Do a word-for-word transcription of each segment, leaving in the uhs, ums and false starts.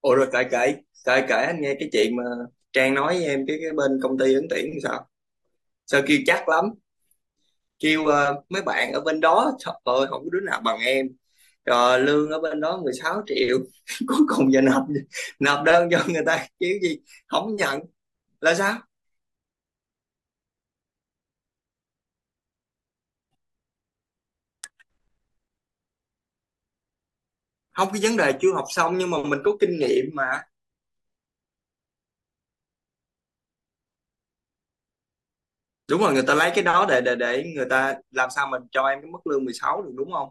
Ủa rồi cãi cãi cãi cãi anh nghe cái chuyện mà Trang nói với em cái cái bên công ty ứng tuyển thì sao sao kêu chắc lắm kêu ờ, mấy bạn ở bên đó, trời ơi không có đứa nào bằng em, rồi lương ở bên đó mười sáu triệu cuối cùng giờ nộp nộp đơn cho người ta kiểu gì không nhận là sao? Không, cái vấn đề chưa học xong nhưng mà mình có kinh nghiệm mà. Đúng rồi, người ta lấy cái đó để để để người ta làm sao mình cho em cái mức lương mười sáu được, đúng không?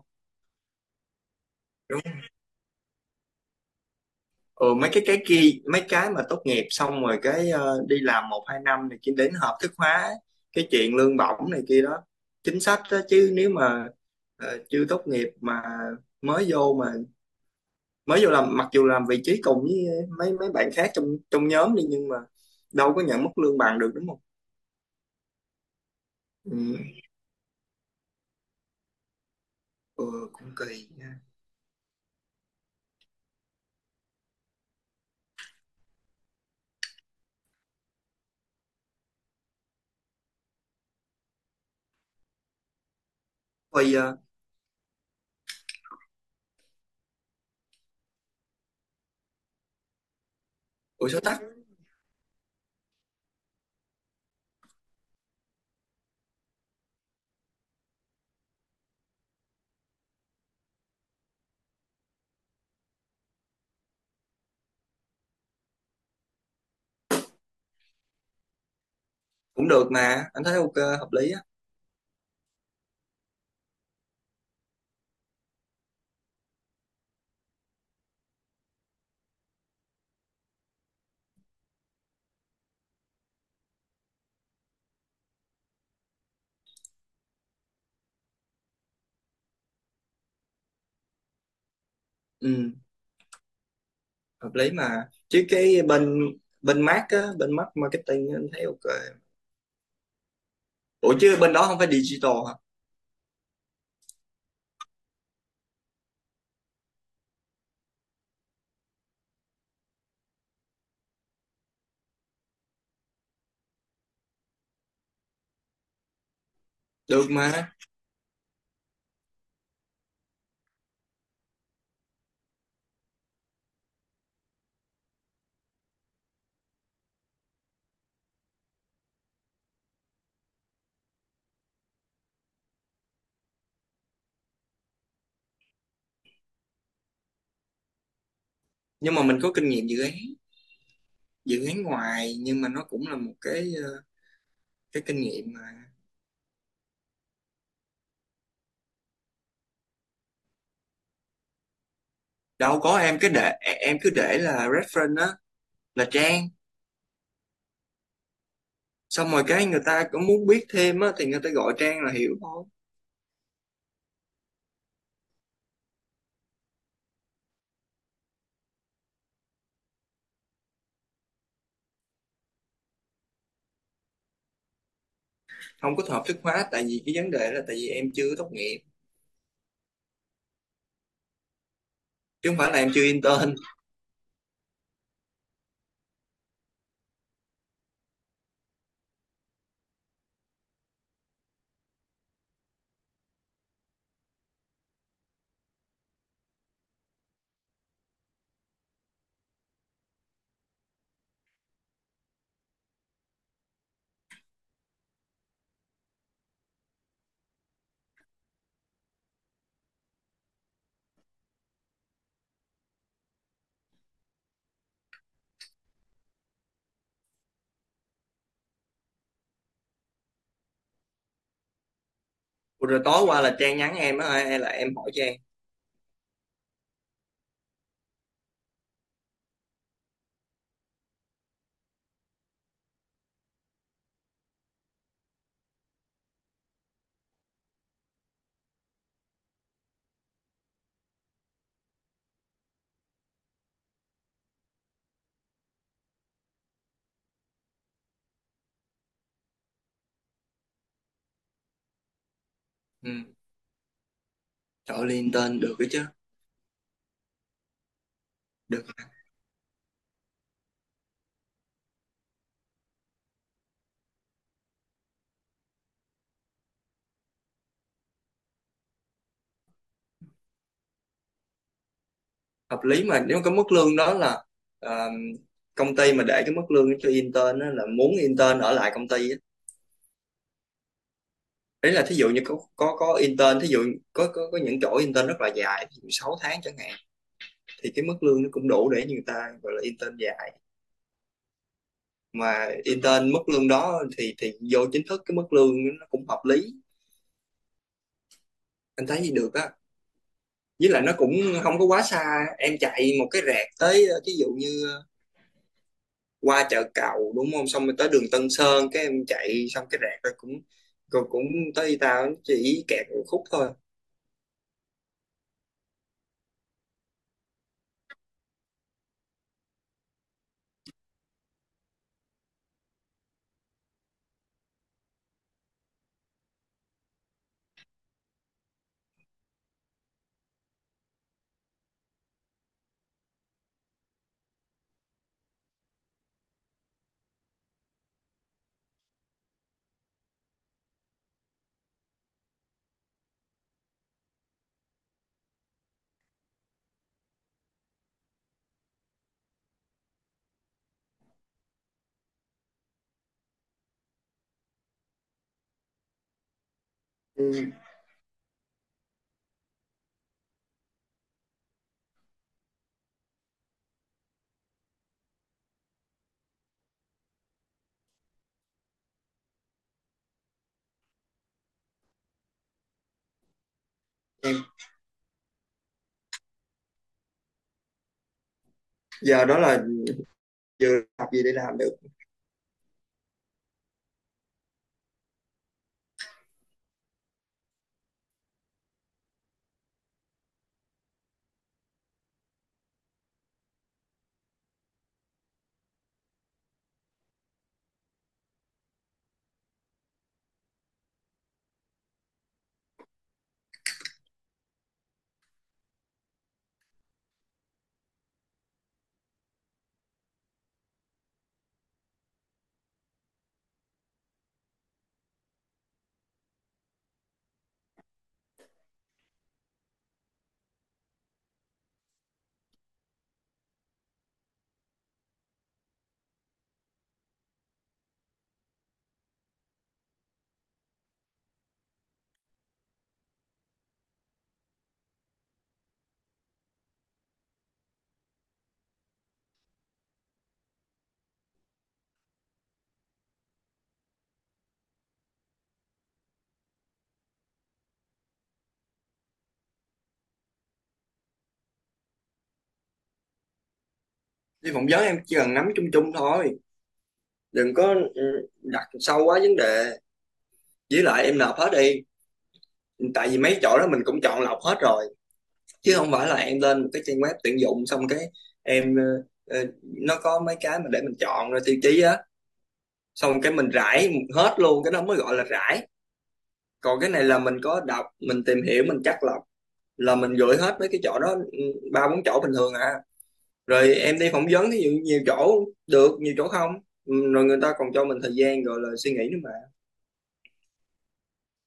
ừ, Mấy cái cái kia mấy cái mà tốt nghiệp xong rồi cái ờ, đi làm một hai năm này kia đến hợp thức hóa cái chuyện lương bổng này kia đó, chính sách đó. Chứ nếu mà ờ, chưa tốt nghiệp mà mới vô mà mới vô làm, mặc dù làm vị trí cùng với mấy mấy bạn khác trong trong nhóm đi nhưng mà đâu có nhận mức lương bằng được, đúng không? Ừ, ừ, cũng kỳ nha. Thôi, ờ, Ủa số tắc. Cũng được mà, anh thấy ok, hợp lý á. Ừ hợp lý mà, chứ cái bên bên mát á bên mát marketing á, anh thấy ok. Ủa chứ bên đó không phải digital hả? Được mà. Nhưng mà mình có kinh nghiệm dự án, dự án ngoài, nhưng mà nó cũng là một cái ờ, cái kinh nghiệm mà. Đâu có, em cứ để em cứ để là reference á, là Trang. Xong rồi cái người ta cũng muốn biết thêm á thì người ta gọi Trang là hiểu thôi. Không có hợp thức hóa, tại vì cái vấn đề là tại vì em chưa tốt nghiệp chứ không phải là em chưa intern. Ủa rồi tối qua là Trang nhắn em á hay là em hỏi Trang? Ừ. Trời ơi, intern được cái chứ. Được. Hợp lý mà, nếu cái mức lương đó là ờ, công ty mà để cái mức lương cho intern á, là muốn intern ở lại công ty á. Đấy là thí dụ như có có có intern, thí dụ có có, có những chỗ intern rất là dài, thí dụ sáu tháng chẳng hạn, thì cái mức lương nó cũng đủ để người ta gọi là intern dài. Mà intern mức lương đó thì thì vô chính thức cái mức lương nó cũng hợp lý, anh thấy gì được á. Với lại nó cũng không có quá xa, em chạy một cái rẹt tới ví dụ như qua chợ Cầu, đúng không, xong rồi tới đường Tân Sơn cái em chạy xong cái rạc rồi cũng rồi cũng tới, tao chỉ kẹt một khúc thôi. Ừ. Em giờ đó là vừa học gì để làm được. Đi phỏng vấn em chỉ cần nắm chung chung thôi, đừng có ừ, đặt sâu quá vấn đề. Với lại em nộp hết đi, tại vì mấy chỗ đó mình cũng chọn lọc hết rồi, chứ không phải là em lên một cái trang web tuyển dụng xong cái em ờ, ờ, nó có mấy cái mà để mình chọn rồi tiêu chí á, xong cái mình rải hết luôn, cái đó mới gọi là rải. Còn cái này là mình có đọc, mình tìm hiểu, mình chắt lọc là mình gửi hết mấy cái chỗ đó, ừ, ba bốn chỗ bình thường à. Rồi em đi phỏng vấn thì nhiều, nhiều chỗ, được nhiều chỗ không. Ừ, rồi người ta còn cho mình thời gian gọi là suy nghĩ nữa mà,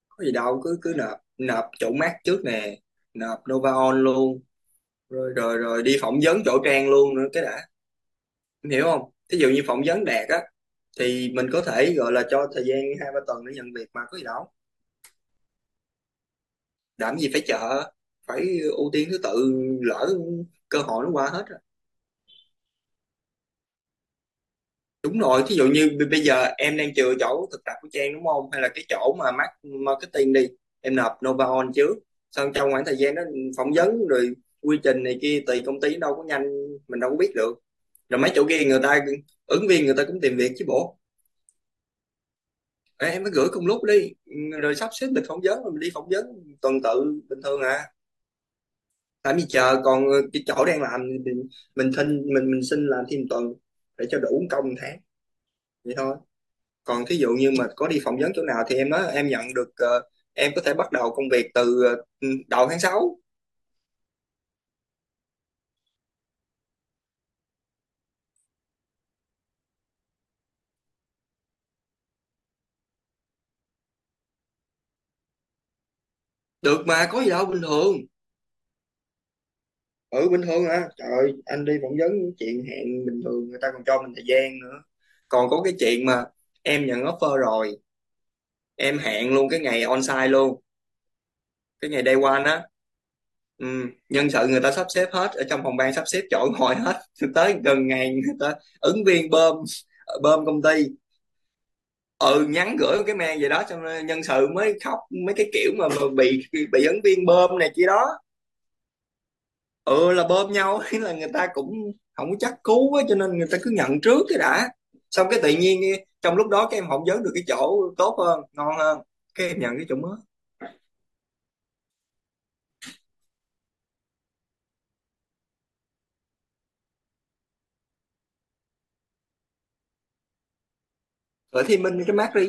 có gì đâu, cứ cứ nộp nộp chỗ mát trước nè, nộp Nova On luôn, rồi rồi rồi đi phỏng vấn chỗ Trang luôn nữa cái đã. Em hiểu không, ví dụ như phỏng vấn Đạt á, thì mình có thể gọi là cho thời gian hai ba tuần để nhận việc, mà có gì đâu, làm gì phải chờ, phải ưu tiên thứ tự, lỡ cơ hội nó qua hết rồi. Đúng rồi, thí dụ như bây giờ em đang chừa chỗ thực tập của Trang đúng không, hay là cái chỗ mà mác- marketing đi, em nộp Nova On trước, xong trong khoảng thời gian đó phỏng vấn rồi, quy trình này kia tùy công ty đâu có nhanh, mình đâu có biết được. Rồi mấy chỗ kia người ta, ứng viên người ta cũng tìm việc chứ bộ. Ê, em mới gửi cùng lúc đi, rồi sắp xếp lịch phỏng vấn, rồi mình đi phỏng vấn tuần tự bình thường à, làm gì chờ. Còn ờ, cái chỗ đang làm thì mình xin mình mình xin làm thêm tuần để cho đủ công một tháng, vậy thôi. Còn thí dụ như mà có đi phỏng vấn chỗ nào thì em nói em nhận được ờ, em có thể bắt đầu công việc từ ờ, ừ, đầu tháng sáu. Được mà, có gì đâu bình thường. Ừ bình thường à, trời ơi, anh đi phỏng vấn chuyện hẹn bình thường, người ta còn cho mình thời gian nữa. Còn có cái chuyện mà em nhận offer rồi, em hẹn luôn cái ngày on site luôn, cái ngày day one á. Ừ, nhân sự người ta sắp xếp hết ở trong phòng ban, sắp xếp chọn ngồi hết tới gần ngày, người ta ứng viên bơm, bơm công ty, ừ, nhắn gửi một cái mail vậy đó, xong rồi nhân sự mới khóc mấy cái kiểu mà, mà bị bị ứng viên bơm này kia đó. Ừ là bơm nhau ý là người ta cũng không có chắc cú á, cho nên người ta cứ nhận trước cái đã, xong cái tự nhiên trong lúc đó các em phỏng vấn được cái chỗ tốt hơn, ngon hơn, cái em nhận cái chỗ mới ở Thiên Minh, cái mát đi.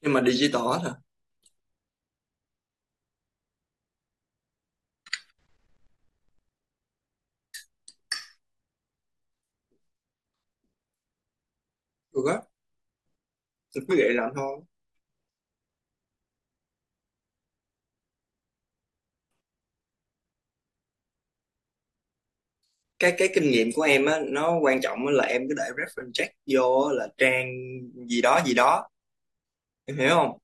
Nhưng mà digital hết à. Ừ á, tôi cứ vậy làm thôi. cái cái kinh nghiệm của em á, nó quan trọng á là em cứ để reference check vô á là Trang gì đó gì đó. Em hiểu không?